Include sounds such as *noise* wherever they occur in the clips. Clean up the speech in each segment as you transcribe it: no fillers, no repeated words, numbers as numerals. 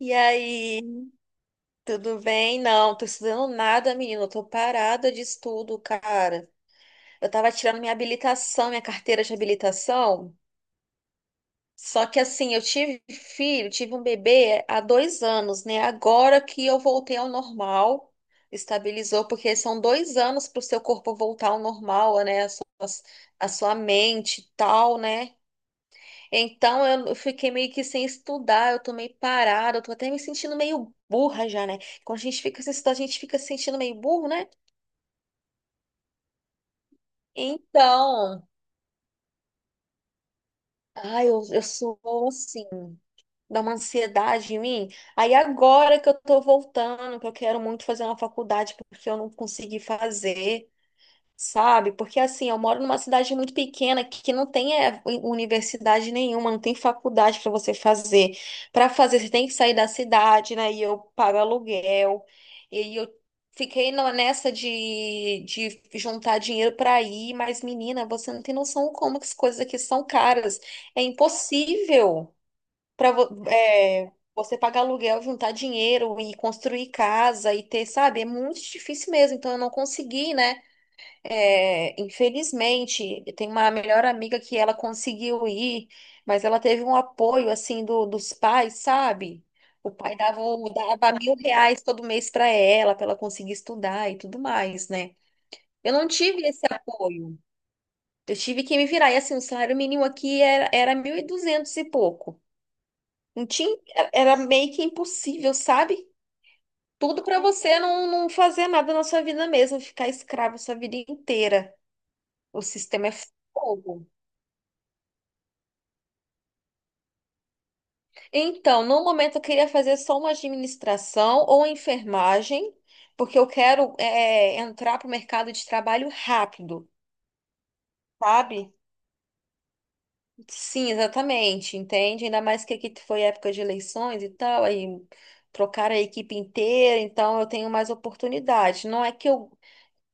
E aí, tudo bem? Não, tô estudando nada, menina. Eu tô parada de estudo, cara. Eu tava tirando minha habilitação, minha carteira de habilitação. Só que assim, eu tive filho, tive um bebê há 2 anos, né? Agora que eu voltei ao normal, estabilizou, porque são 2 anos para o seu corpo voltar ao normal, né? A sua mente e tal, né? Então eu fiquei meio que sem estudar, eu tô meio parada, eu tô até me sentindo meio burra já, né? Quando a gente fica sem estudar, a gente fica se sentindo meio burro, né? Então, ai, eu sou assim, dá uma ansiedade em mim. Aí agora que eu tô voltando, que eu quero muito fazer uma faculdade porque eu não consegui fazer. Sabe? Porque assim, eu moro numa cidade muito pequena que não tem é, universidade nenhuma, não tem faculdade para você fazer. Para fazer, você tem que sair da cidade, né? E eu pago aluguel. E aí eu fiquei nessa de, juntar dinheiro para ir, mas menina, você não tem noção como que as coisas aqui são caras. É impossível para você pagar aluguel, juntar dinheiro e construir casa e ter, sabe? É muito difícil mesmo. Então eu não consegui, né? É, infelizmente, tem uma melhor amiga que ela conseguiu ir, mas ela teve um apoio assim do, dos pais, sabe? O pai dava R$ 1.000 todo mês para ela conseguir estudar e tudo mais, né? Eu não tive esse apoio. Eu tive que me virar. E assim, o salário mínimo aqui era 1.200 e duzentos e pouco. Não tinha, era meio que impossível, sabe? Tudo para você não fazer nada na sua vida mesmo, ficar escravo sua vida inteira. O sistema é fogo. Então, no momento eu queria fazer só uma administração ou enfermagem, porque eu quero é, entrar para o mercado de trabalho rápido, sabe? Sim, exatamente, entende? Ainda mais que aqui foi época de eleições e tal, aí trocaram a equipe inteira, então eu tenho mais oportunidade. Não é que eu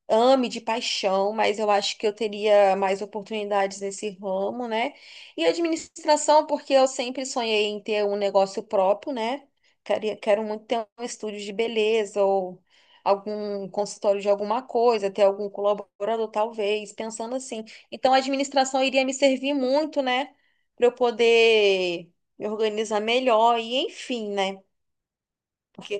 ame de paixão, mas eu acho que eu teria mais oportunidades nesse ramo, né? E administração, porque eu sempre sonhei em ter um negócio próprio, né? Quero muito ter um estúdio de beleza ou algum consultório de alguma coisa, ter algum colaborador, talvez, pensando assim. Então, a administração iria me servir muito, né? Para eu poder me organizar melhor e, enfim, né? Porque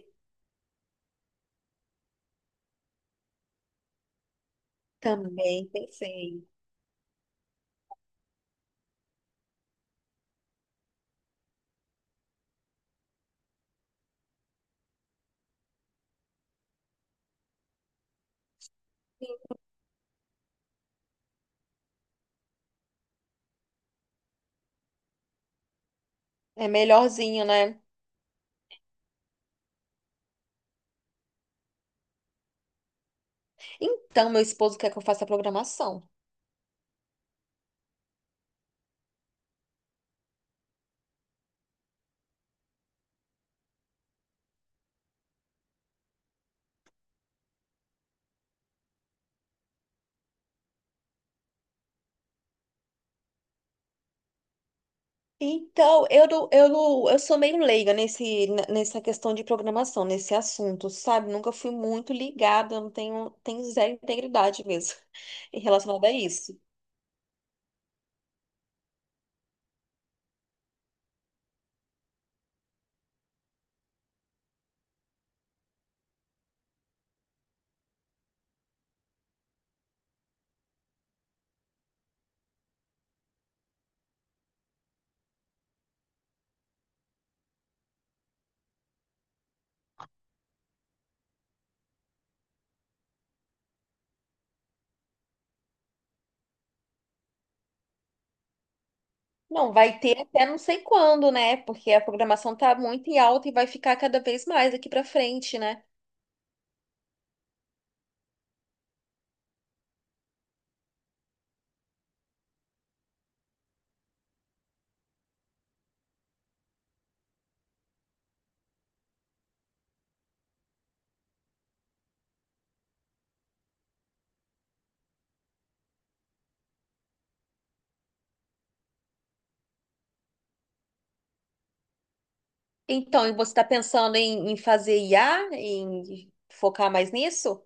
também pensei. É melhorzinho, né? Então, meu esposo quer que eu faça a programação. Então, eu, não- eu, não- eu sou meio leiga nessa questão de programação, nesse assunto, sabe? Nunca fui muito ligada, eu não tenho, tenho zero integridade mesmo *laughs* em relação a isso. Não, vai ter até não sei quando, né? Porque a programação tá muito em alta e vai ficar cada vez mais aqui para frente, né? Então, e você está pensando em fazer IA, em focar mais nisso?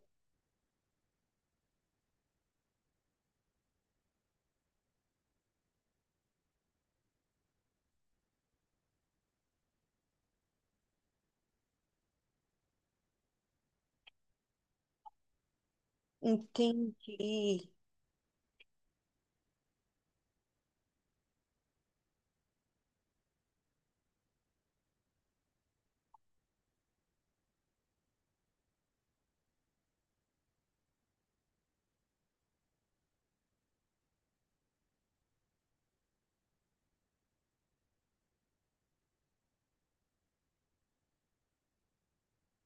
Entendi.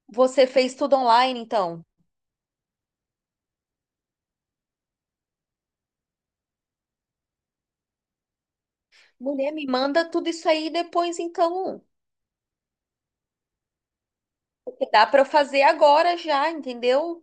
Você fez tudo online, então? Mulher, me manda tudo isso aí depois, então. Porque dá para eu fazer agora já, entendeu?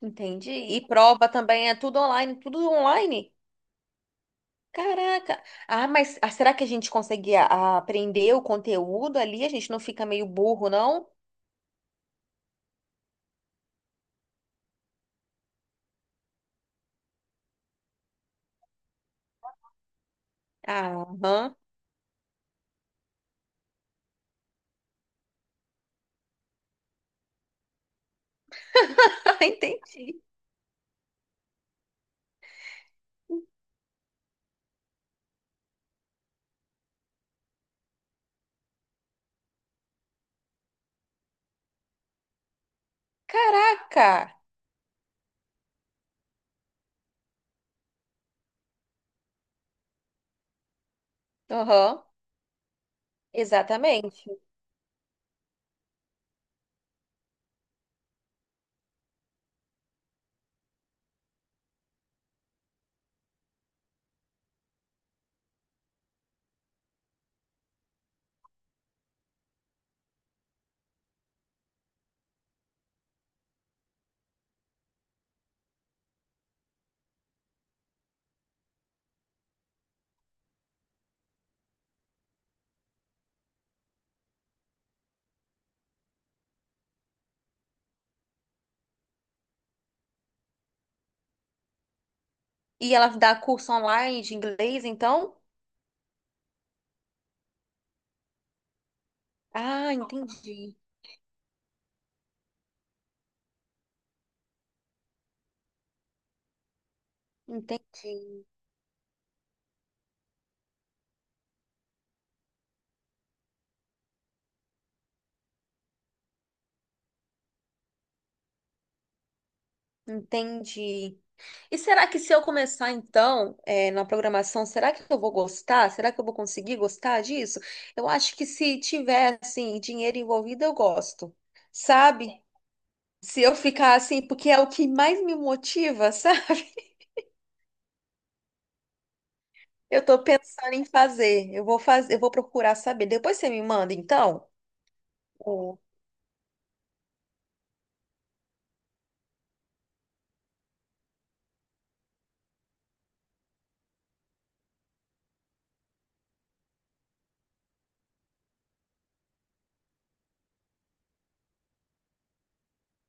Entendi. E prova também, é tudo online, tudo online. Caraca. Ah, mas ah, será que a gente consegue aprender o conteúdo ali? A gente não fica meio burro, não? Aham. *laughs* Entendi. Caraca. Aham. Exatamente. E ela dá curso online de inglês, então? Ah, entendi. Entendi. Entendi. E será que se eu começar então, na programação, será que eu vou gostar? Será que eu vou conseguir gostar disso? Eu acho que se tiver assim dinheiro envolvido, eu gosto, sabe? Se eu ficar assim, porque é o que mais me motiva, *laughs* sabe? Eu tô pensando em fazer. Eu vou fazer, eu vou procurar saber. Depois você me manda, então? O-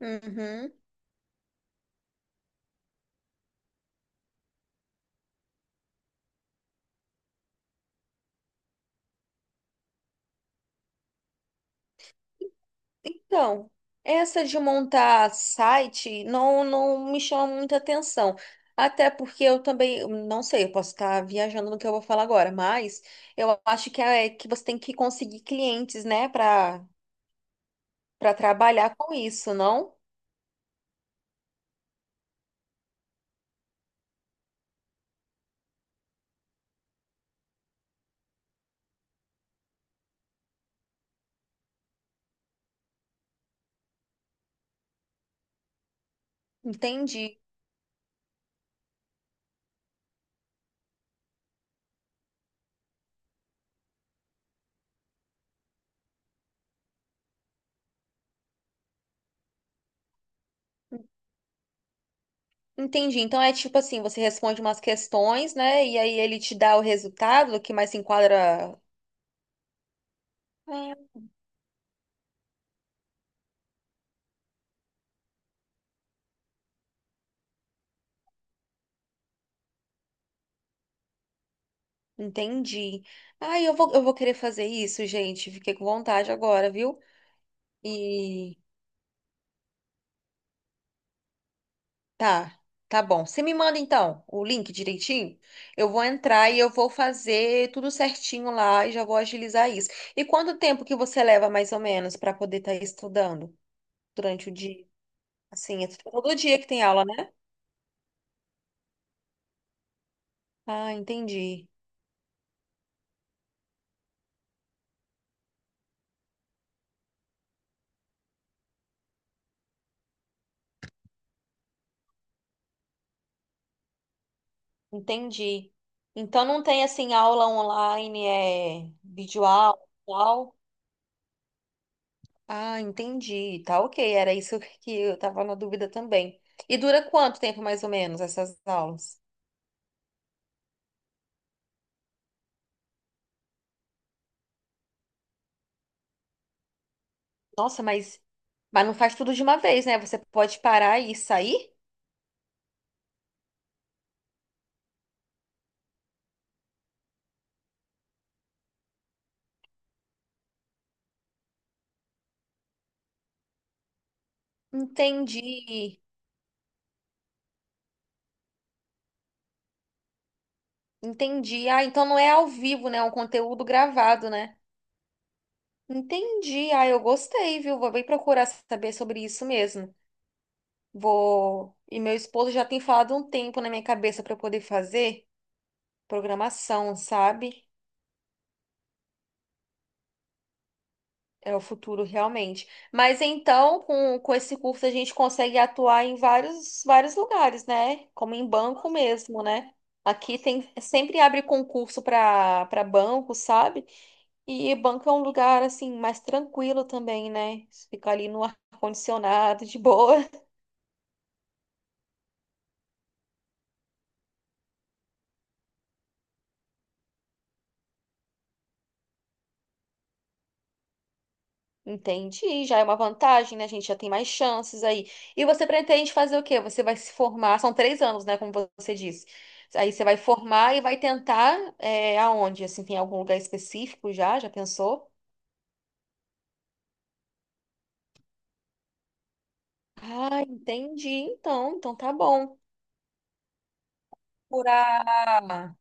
Uhum. Então, essa de montar site não me chama muita atenção. Até porque eu também, não sei, eu posso estar viajando no que eu vou falar agora, mas eu acho que é que você tem que conseguir clientes, né, para trabalhar com isso, não? Entendi. Entendi. Então é tipo assim, você responde umas questões, né, e aí ele te dá o resultado que mais se enquadra. Ah, entendi. Ai, eu vou querer fazer isso, gente. Fiquei com vontade agora, viu? E Tá, tá bom. Você me manda então o link direitinho. Eu vou entrar e eu vou fazer tudo certinho lá e já vou agilizar isso. E quanto tempo que você leva mais ou menos para poder estar estudando durante o dia? Assim, é todo dia que tem aula, né? Ah, entendi. Entendi. Então não tem assim aula online, é videoaula, e tal. Ah, entendi. Tá ok. Era isso que eu tava na dúvida também. E dura quanto tempo mais ou menos essas aulas? Nossa, mas não faz tudo de uma vez, né? Você pode parar e sair? Entendi. Entendi. Ah, então não é ao vivo, né? É um conteúdo gravado, né? Entendi. Ah, eu gostei, viu? Vou bem procurar saber sobre isso mesmo. Vou. E meu esposo já tem falado um tempo na minha cabeça para eu poder fazer programação, sabe? É o futuro, realmente. Mas então, com esse curso, a gente consegue atuar em vários, vários lugares, né? Como em banco mesmo, né? Aqui tem, sempre abre concurso para banco, sabe? E banco é um lugar, assim, mais tranquilo também, né? Fica ali no ar-condicionado, de boa. Entendi, já é uma vantagem, né? A gente já tem mais chances aí. E você pretende fazer o quê? Você vai se formar, são 3 anos, né? Como você disse. Aí você vai formar e vai tentar é, aonde? Assim, tem algum lugar específico já? Já pensou? Ah, entendi. Então tá bom. Procurar,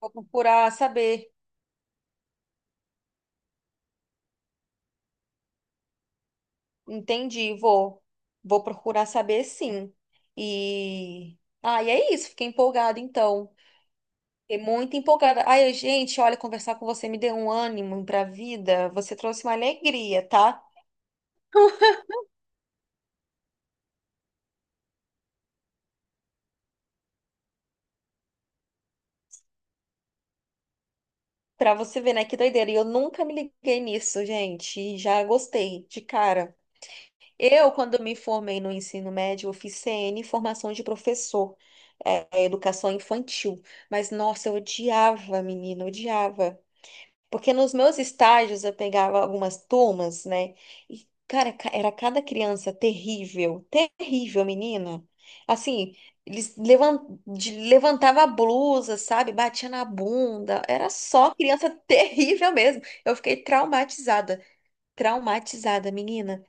vou procurar saber. Entendi, vou procurar saber sim. E é isso. Fiquei empolgada então. É muito empolgada. Ai, gente, olha, conversar com você me deu um ânimo pra vida. Você trouxe uma alegria, tá? Pra você ver, né? Que doideira. E eu nunca me liguei nisso, gente. E já gostei, de cara. Eu, quando me formei no ensino médio, eu fiz CN, formação de professor, é, educação infantil. Mas, nossa, eu odiava, menina, eu odiava. Porque nos meus estágios eu pegava algumas turmas, né? E, cara, era cada criança terrível, terrível, menina. Assim, eles levantava a blusa, sabe? Batia na bunda. Era só criança *laughs* terrível mesmo. Eu fiquei traumatizada, traumatizada, menina.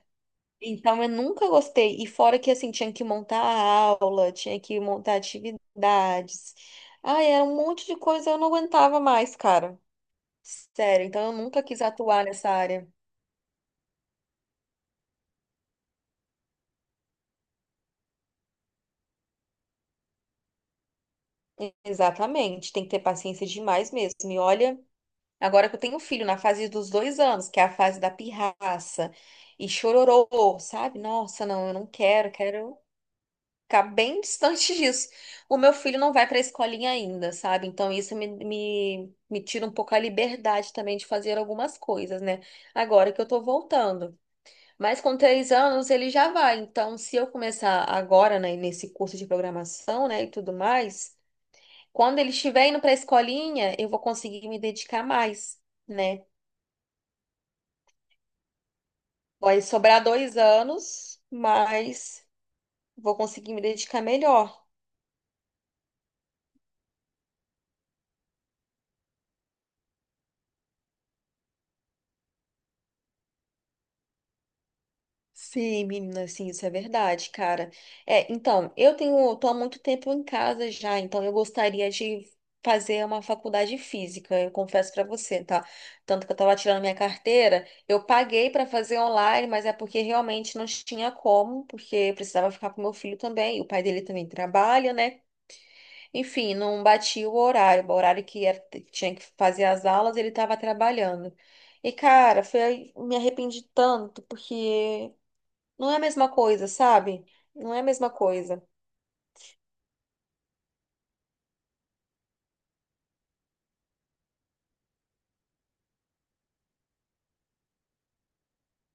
Então eu nunca gostei. E fora que assim, tinha que montar a aula, tinha que montar atividades. Ai, era um monte de coisa, eu não aguentava mais, cara. Sério, então eu nunca quis atuar nessa área. Exatamente, tem que ter paciência demais mesmo. E olha, agora que eu tenho um filho na fase dos 2 anos, que é a fase da pirraça e chororô, sabe? Nossa, não, eu não quero, quero ficar bem distante *laughs* disso. O meu filho não vai para a escolinha ainda, sabe? Então isso me tira um pouco a liberdade também de fazer algumas coisas, né? Agora que eu tô voltando. Mas com 3 anos ele já vai. Então, se eu começar agora, né, nesse curso de programação, né, e tudo mais, quando ele estiver indo para a escolinha, eu vou conseguir me dedicar mais, né? Vai sobrar 2 anos, mas vou conseguir me dedicar melhor. Sim, menina, sim, isso é verdade, cara. É, então, tô há muito tempo em casa já, então eu gostaria de fazer uma faculdade física, eu confesso pra você, tá? Tanto que eu tava tirando minha carteira, eu paguei pra fazer online, mas é porque realmente não tinha como, porque eu precisava ficar com meu filho também, e o pai dele também trabalha, né? Enfim, não batia o horário, que tinha que fazer as aulas, ele tava trabalhando. E, cara, me arrependi tanto, porque não é a mesma coisa, sabe? Não é a mesma coisa.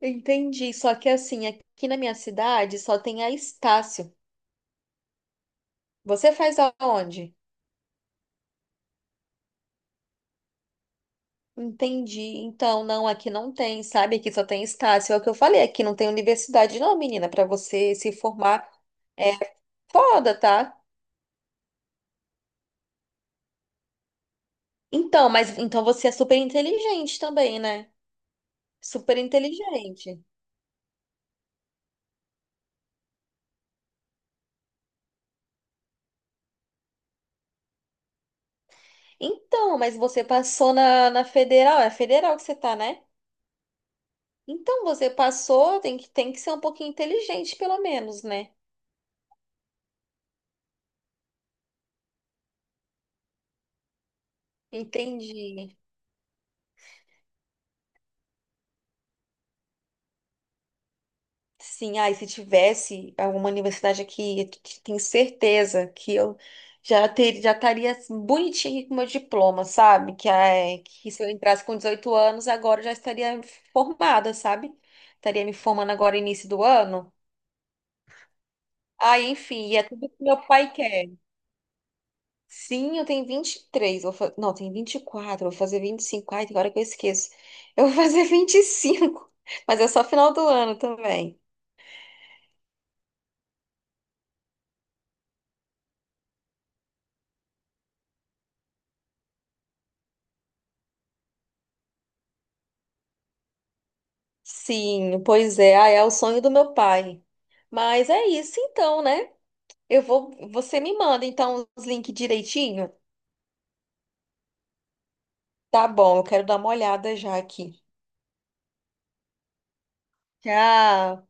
Entendi. Só que assim, aqui na minha cidade só tem a Estácio. Você faz aonde? Entendi. Então, não, aqui não tem, sabe? Aqui só tem Estácio. É o que eu falei, aqui não tem universidade, não, menina, para você se formar. É foda, tá? Então, mas então você é super inteligente também, né? Super inteligente. Então, mas você passou na federal, é federal que você tá, né? Então você passou, tem que ser um pouquinho inteligente, pelo menos, né? Entendi. Sim, ai, se tivesse alguma universidade aqui, eu tenho certeza que eu já estaria assim, bonitinha aqui com meu diploma, sabe? Que se eu entrasse com 18 anos, agora eu já estaria formada, sabe? Estaria me formando agora início do ano. Ah, enfim, e é tudo que meu pai quer. Sim, eu tenho 23. Não, tenho 24. Vou fazer 25. Ai, tem hora que eu esqueço. Eu vou *laughs* fazer 25. Mas é só final do ano também. Sim, pois é. Ah, é o sonho do meu pai. Mas é isso então, né? Eu vou. Você me manda então os links direitinho? Tá bom, eu quero dar uma olhada já aqui. Tchau.